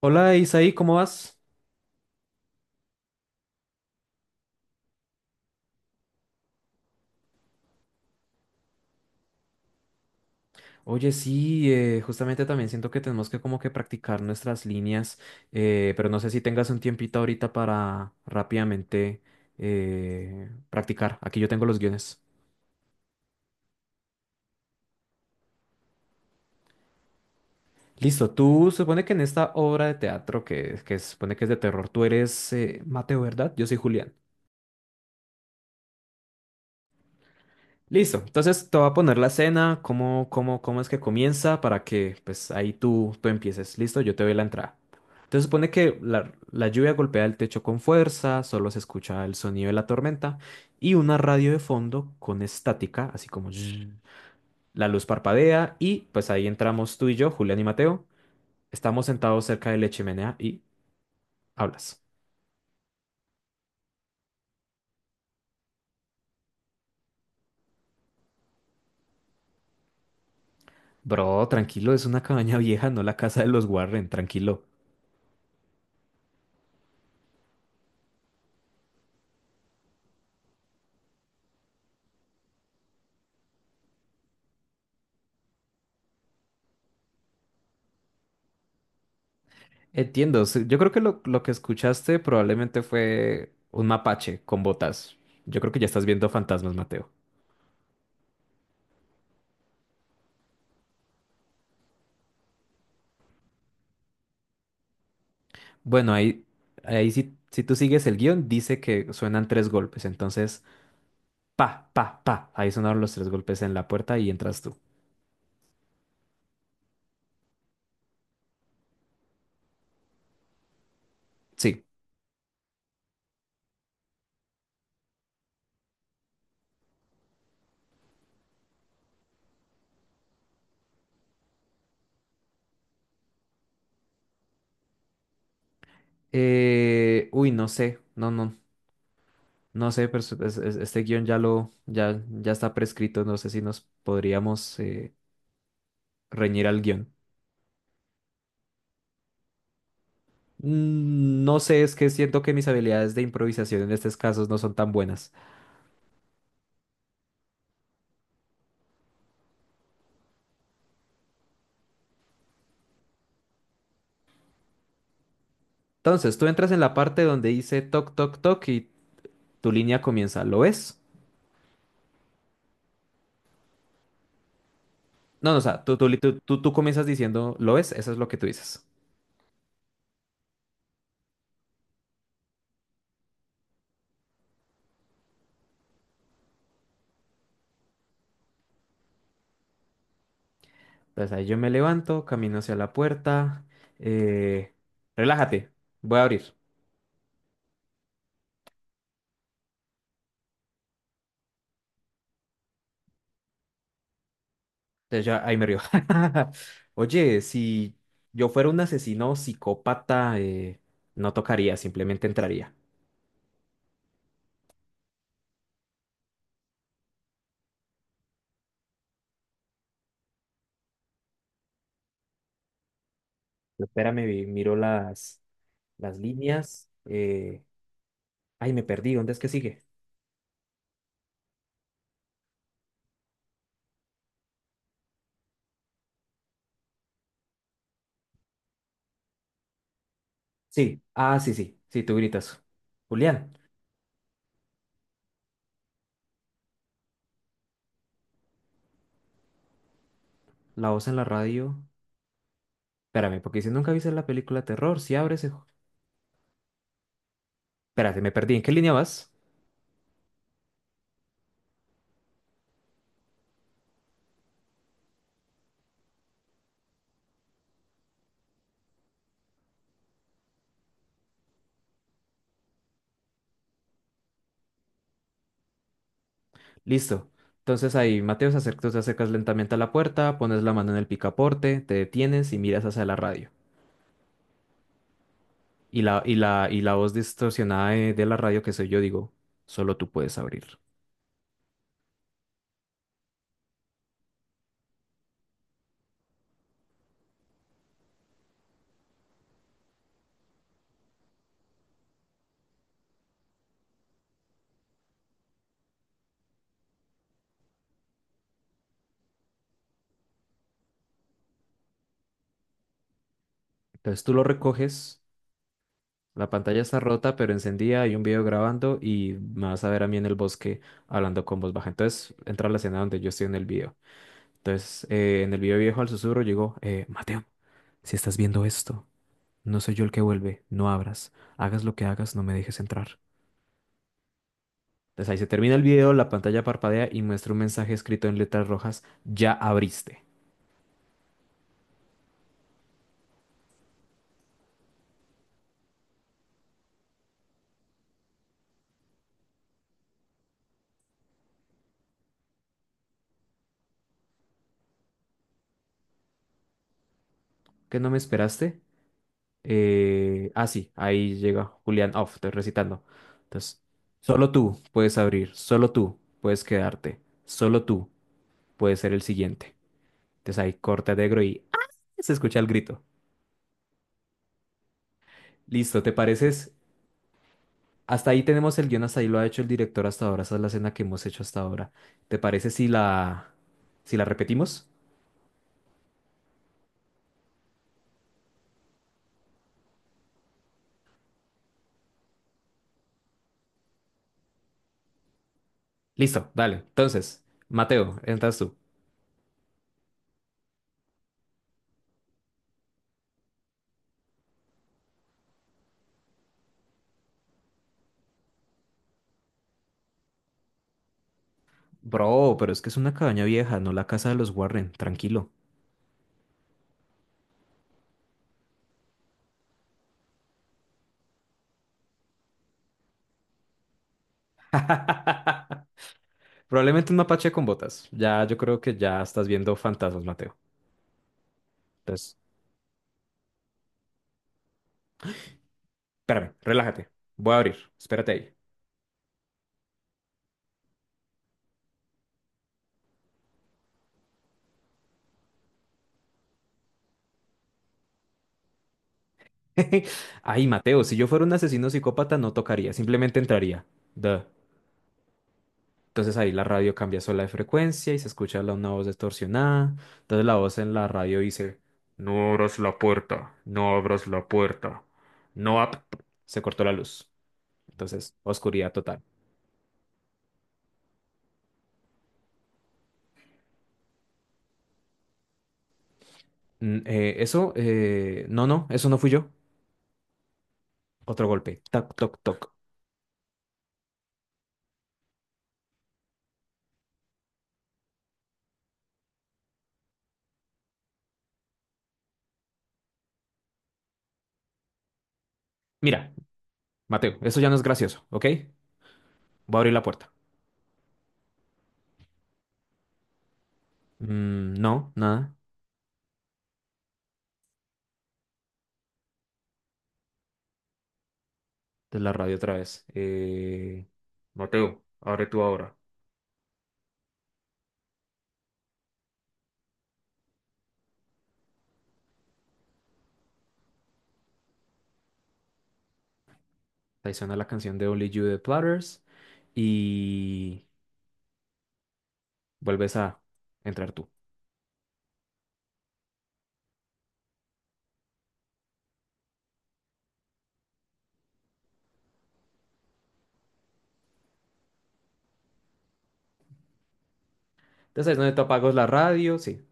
Hola Isaí, ¿cómo vas? Oye, sí, justamente también siento que tenemos que como que practicar nuestras líneas, pero no sé si tengas un tiempito ahorita para rápidamente practicar. Aquí yo tengo los guiones. Listo, tú supone que en esta obra de teatro que supone que es de terror, tú eres Mateo, ¿verdad? Yo soy Julián. Listo, entonces te voy a poner la escena, cómo es que comienza para que pues ahí tú empieces. Listo, yo te doy la entrada. Entonces supone que la lluvia golpea el techo con fuerza, solo se escucha el sonido de la tormenta y una radio de fondo con estática, así como zzzz. La luz parpadea y pues ahí entramos tú y yo, Julián y Mateo. Estamos sentados cerca de la chimenea y hablas. Bro, tranquilo, es una cabaña vieja, no la casa de los Warren, tranquilo. Entiendo, sí, yo creo que lo que escuchaste probablemente fue un mapache con botas. Yo creo que ya estás viendo fantasmas, Mateo. Bueno, ahí si tú sigues el guión, dice que suenan tres golpes, entonces, pa, pa, pa, ahí sonaron los tres golpes en la puerta y entras tú. Sí. No sé, no sé, pero este guión ya lo, ya está prescrito, no sé si nos podríamos reñir al guión. No sé, es que siento que mis habilidades de improvisación en estos casos no son tan buenas. Entonces, tú entras en la parte donde dice toc, toc, toc y tu línea comienza, ¿lo ves? No, no, o sea, tú comienzas diciendo, ¿lo ves? Eso es lo que tú dices. Entonces ahí yo me levanto, camino hacia la puerta, eh, relájate, voy a abrir. Entonces ya ahí me río. Oye, si yo fuera un asesino psicópata, no tocaría, simplemente entraría. Espérame, miro Las líneas. Ay, me perdí. ¿Dónde es que sigue? Sí. Ah, sí, sí. Sí, tú gritas. Julián, la voz en la radio. Espérame, porque si nunca viste la película terror, si abres. Espérate, me perdí. ¿En qué línea vas? Listo. Entonces ahí, Mateo, tú te acercas lentamente a la puerta, pones la mano en el picaporte, te detienes y miras hacia la radio. Y la voz distorsionada de la radio que soy yo, digo, solo tú puedes abrir. Entonces tú lo recoges. La pantalla está rota, pero encendida, hay un video grabando y me vas a ver a mí en el bosque hablando con voz baja. Entonces entra a la escena donde yo estoy en el video. Entonces en el video viejo al susurro llegó, Mateo, si estás viendo esto, no soy yo el que vuelve, no abras, hagas lo que hagas, no me dejes entrar. Entonces ahí se termina el video, la pantalla parpadea y muestra un mensaje escrito en letras rojas, ya abriste. ¿Qué no me esperaste? Sí, ahí llega Julián Off, estoy recitando. Entonces, solo tú puedes abrir, solo tú puedes quedarte, solo tú puedes ser el siguiente. Entonces ahí corta negro y ¡ah! Se escucha el grito. Listo, ¿te pareces? Hasta ahí tenemos el guión, hasta ahí lo ha hecho el director hasta ahora. Esa es la escena que hemos hecho hasta ahora. ¿Te parece si si la repetimos? Listo, dale. Entonces, Mateo, entras tú. Bro, pero es que es una cabaña vieja, no la casa de los Warren, tranquilo. Probablemente un mapache con botas. Ya, yo creo que ya estás viendo fantasmas, Mateo. Entonces, espérame, relájate. Voy a abrir. Espérate ahí. Ay, Mateo, si yo fuera un asesino psicópata no tocaría, simplemente entraría. Duh. Entonces ahí la radio cambia sola de frecuencia y se escucha una voz distorsionada. Entonces la voz en la radio dice, no abras la puerta, no abras la puerta. No ab-". Se cortó la luz. Entonces, oscuridad total. Eso, no, no, eso no fui yo. Otro golpe. Tac, toc, toc. Mira, Mateo, eso ya no es gracioso, ¿ok? Voy a abrir la puerta. No, nada. De la radio otra vez. Mateo, abre tú ahora. Ahí suena la canción de Only You de Platters y vuelves a entrar tú. Entonces ahí es donde tú apagas la radio, sí.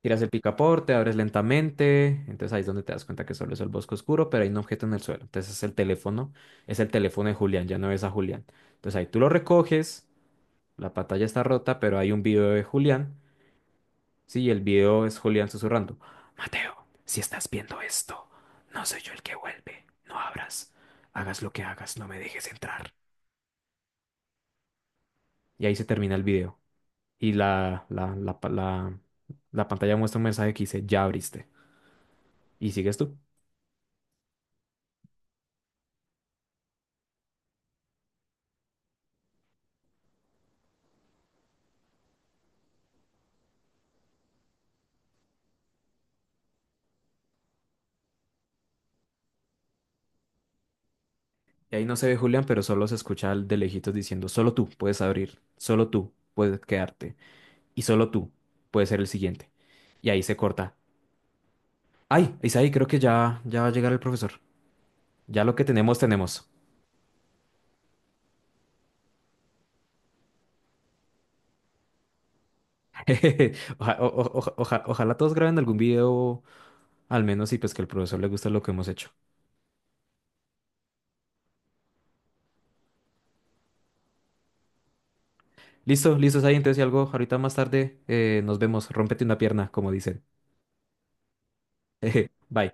Tiras el picaporte, abres lentamente. Entonces ahí es donde te das cuenta que solo es el bosque oscuro, pero hay un objeto en el suelo. Entonces es el teléfono de Julián, ya no ves a Julián. Entonces ahí tú lo recoges, la pantalla está rota, pero hay un video de Julián. Sí, el video es Julián susurrando. Mateo, si estás viendo esto, no soy yo el que vuelve. No abras. Hagas lo que hagas, no me dejes entrar. Y ahí se termina el video. Y la pantalla muestra un mensaje que dice, ya abriste. Y sigues tú. Y ahí no se ve Julián, pero solo se escucha al de lejitos diciendo, solo tú puedes abrir, solo tú puedes quedarte. Y solo tú puedes ser el siguiente. Y ahí se corta. Ay, Isaí, creo que ya va a llegar el profesor. Ya lo que tenemos, tenemos. Ojalá todos graben algún video, al menos, y pues que el profesor le guste lo que hemos hecho. Listo, listo, ahí entonces si algo, ahorita más tarde nos vemos, rómpete una pierna, como dicen. Bye.